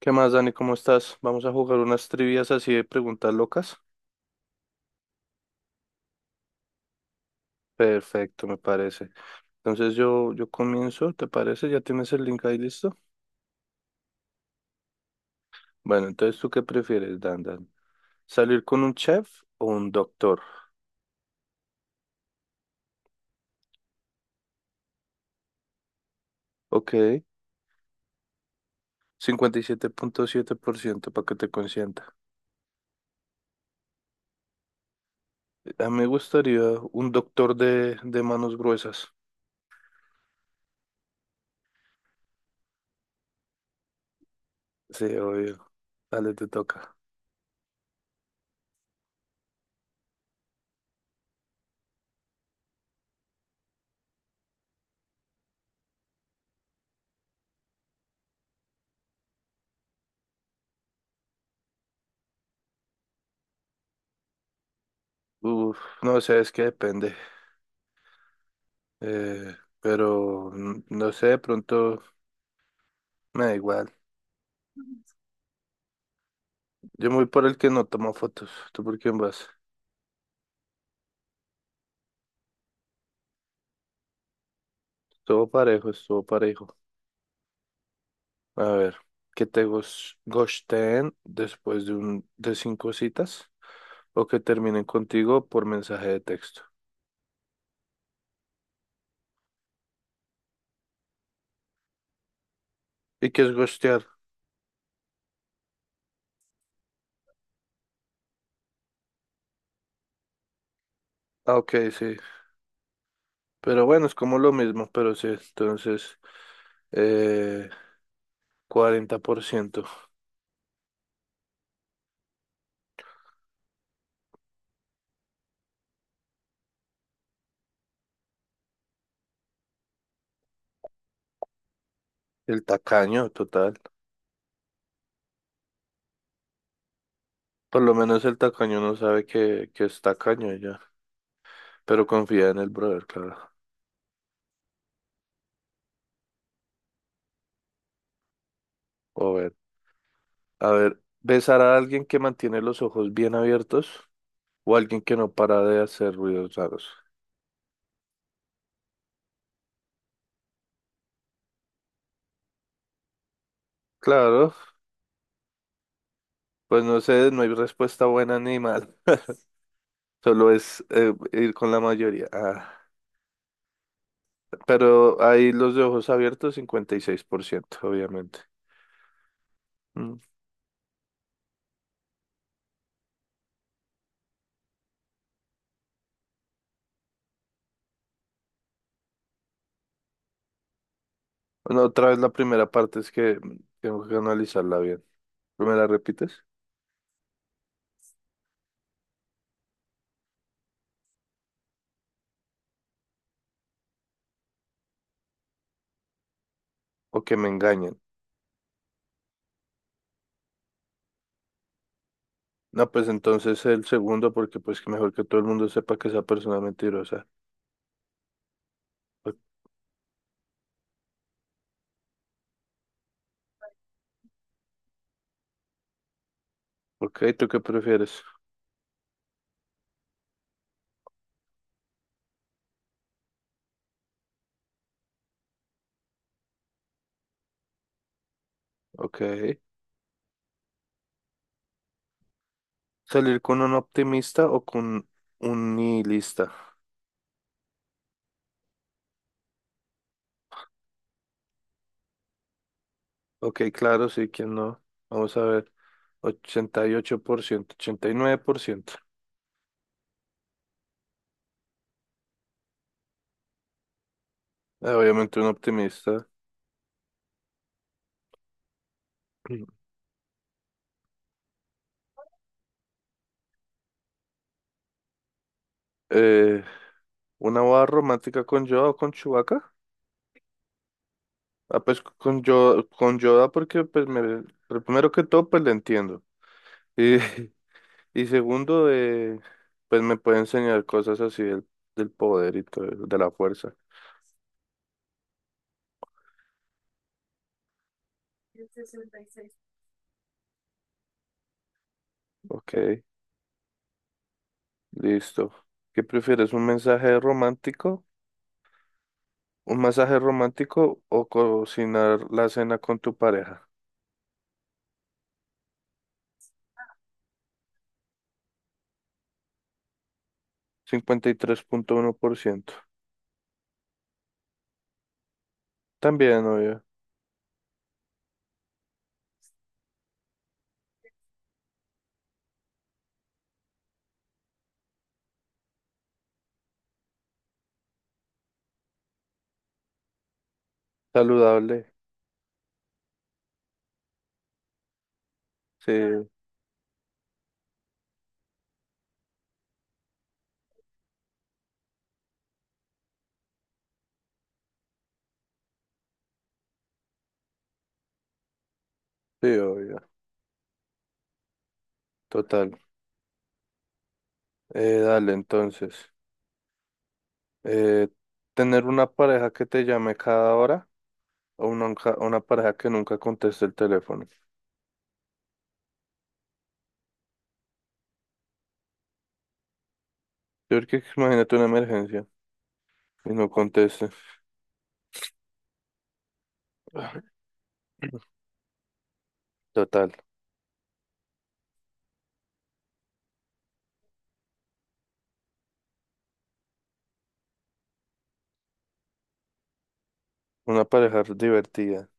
¿Qué más, Dani? ¿Cómo estás? Vamos a jugar unas trivias así de preguntas locas. Perfecto, me parece. Entonces yo comienzo, ¿te parece? ¿Ya tienes el link ahí listo? Bueno, entonces ¿tú qué prefieres, Dan Dan? ¿Salir con un chef o un doctor? Ok, 57,7% para que te consienta. A mí me gustaría un doctor de manos gruesas. Sí, obvio. Dale, te toca. Uf, no sé, es que depende. Eh, pero no sé, de pronto. Me da igual. Yo me voy por el que no toma fotos. ¿Tú por quién vas? Estuvo parejo, estuvo parejo. A ver, ¿que te ghosteen después de cinco citas? ¿O que terminen contigo por mensaje de texto? ¿Y qué es ghostear? Ah, ok, sí. Pero bueno, es como lo mismo, pero sí. Entonces, eh, 40%. El tacaño, total. Por lo menos el tacaño no sabe que es tacaño ya. Pero confía en el brother, claro. O A ver, besar a alguien que mantiene los ojos bien abiertos o alguien que no para de hacer ruidos raros. Claro, pues no sé, no hay respuesta buena ni mala. Solo es ir con la mayoría. Ah, pero ahí los de ojos abiertos, 56% obviamente. Mm. Bueno, otra vez la primera parte es que tengo que analizarla bien. ¿Me la repites? ¿O que me engañen? No, pues entonces el segundo, porque pues que mejor que todo el mundo sepa que esa persona es mentirosa. O- Ok, ¿tú qué prefieres? Ok. ¿Salir con un optimista o con un nihilista? Ok, claro, sí, ¿quién no? Vamos a ver. 88%, 89%. Obviamente un optimista. Eh, ¿Una boda romántica con Yoda o con Chewbacca? Ah, pues con Yoda porque pues me, pero primero que todo pues le entiendo. Y, y segundo, pues me puede enseñar cosas así del poder y todo, eso, de la fuerza. Ok. Listo. ¿Qué prefieres? ¿Un mensaje romántico? ¿Un masaje romántico o cocinar la cena con tu pareja? 53,1%. También, obvio. Saludable. Sí, sí, obvio. Total. Dale, entonces. Eh, ¿Tener una pareja que te llame cada hora o una pareja que nunca conteste el teléfono? Yo creo que imagínate una emergencia y no conteste. Total. Una pareja divertida.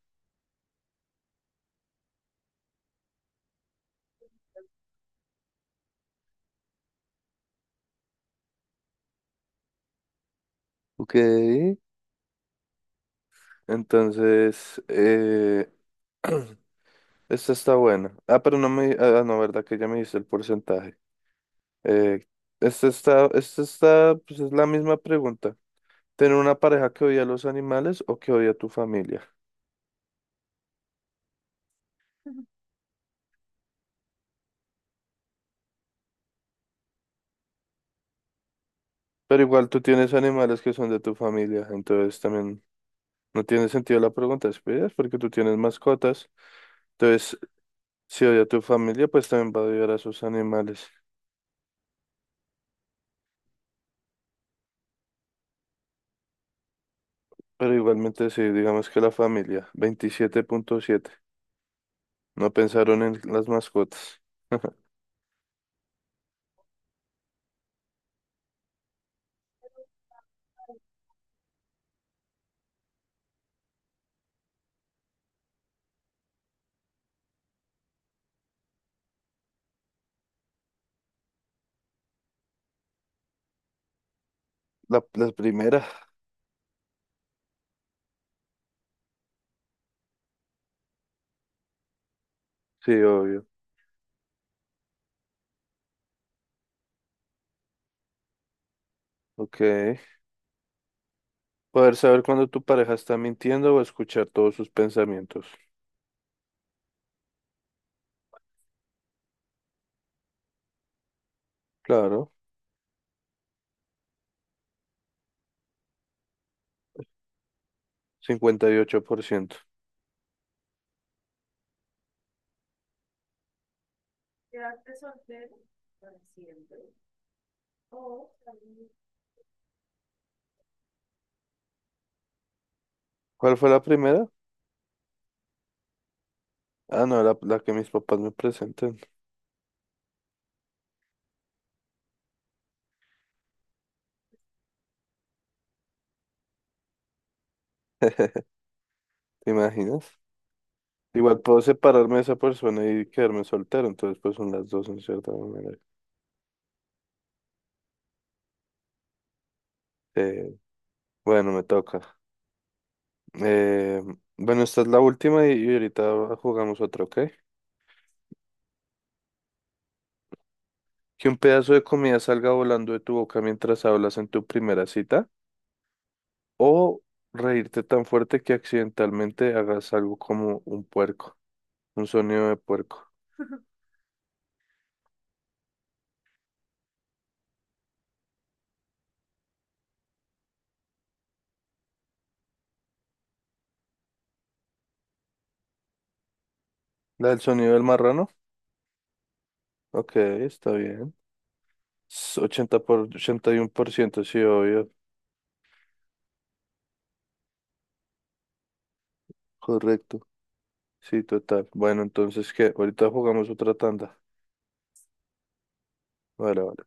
Ok. Entonces, esta está buena. Ah, no, verdad que ya me dice el porcentaje. Eh, esta está, pues es la misma pregunta. ¿Tener una pareja que odia a los animales o que odia a tu familia? Pero igual tú tienes animales que son de tu familia, entonces también no tiene sentido la pregunta, ¿sí? Porque tú tienes mascotas, entonces si odia a tu familia, pues también va a odiar a sus animales. Pero igualmente sí, digamos que la familia, 27,7. No pensaron en las mascotas. La primera. Sí, obvio. Ok. Poder saber cuando tu pareja está mintiendo o escuchar todos sus pensamientos. Claro, 58%. ¿Cuál fue la primera? Ah, no, la que mis papás me presenten. ¿Te imaginas? Igual puedo separarme de esa persona y quedarme soltero, entonces pues son las dos en cierta manera. Eh, bueno, me toca. Eh, bueno, esta es la última y ahorita jugamos otra, ¿ok? Que un pedazo de comida salga volando de tu boca mientras hablas en tu primera cita. O reírte tan fuerte que accidentalmente hagas algo como un puerco, un sonido de puerco. ¿La del sonido del marrano? Ok, está bien. Es 80 por 81%, sí, obvio. Correcto. Sí, total. Bueno, entonces, ¿qué? Ahorita jugamos otra tanda. Vale, vale.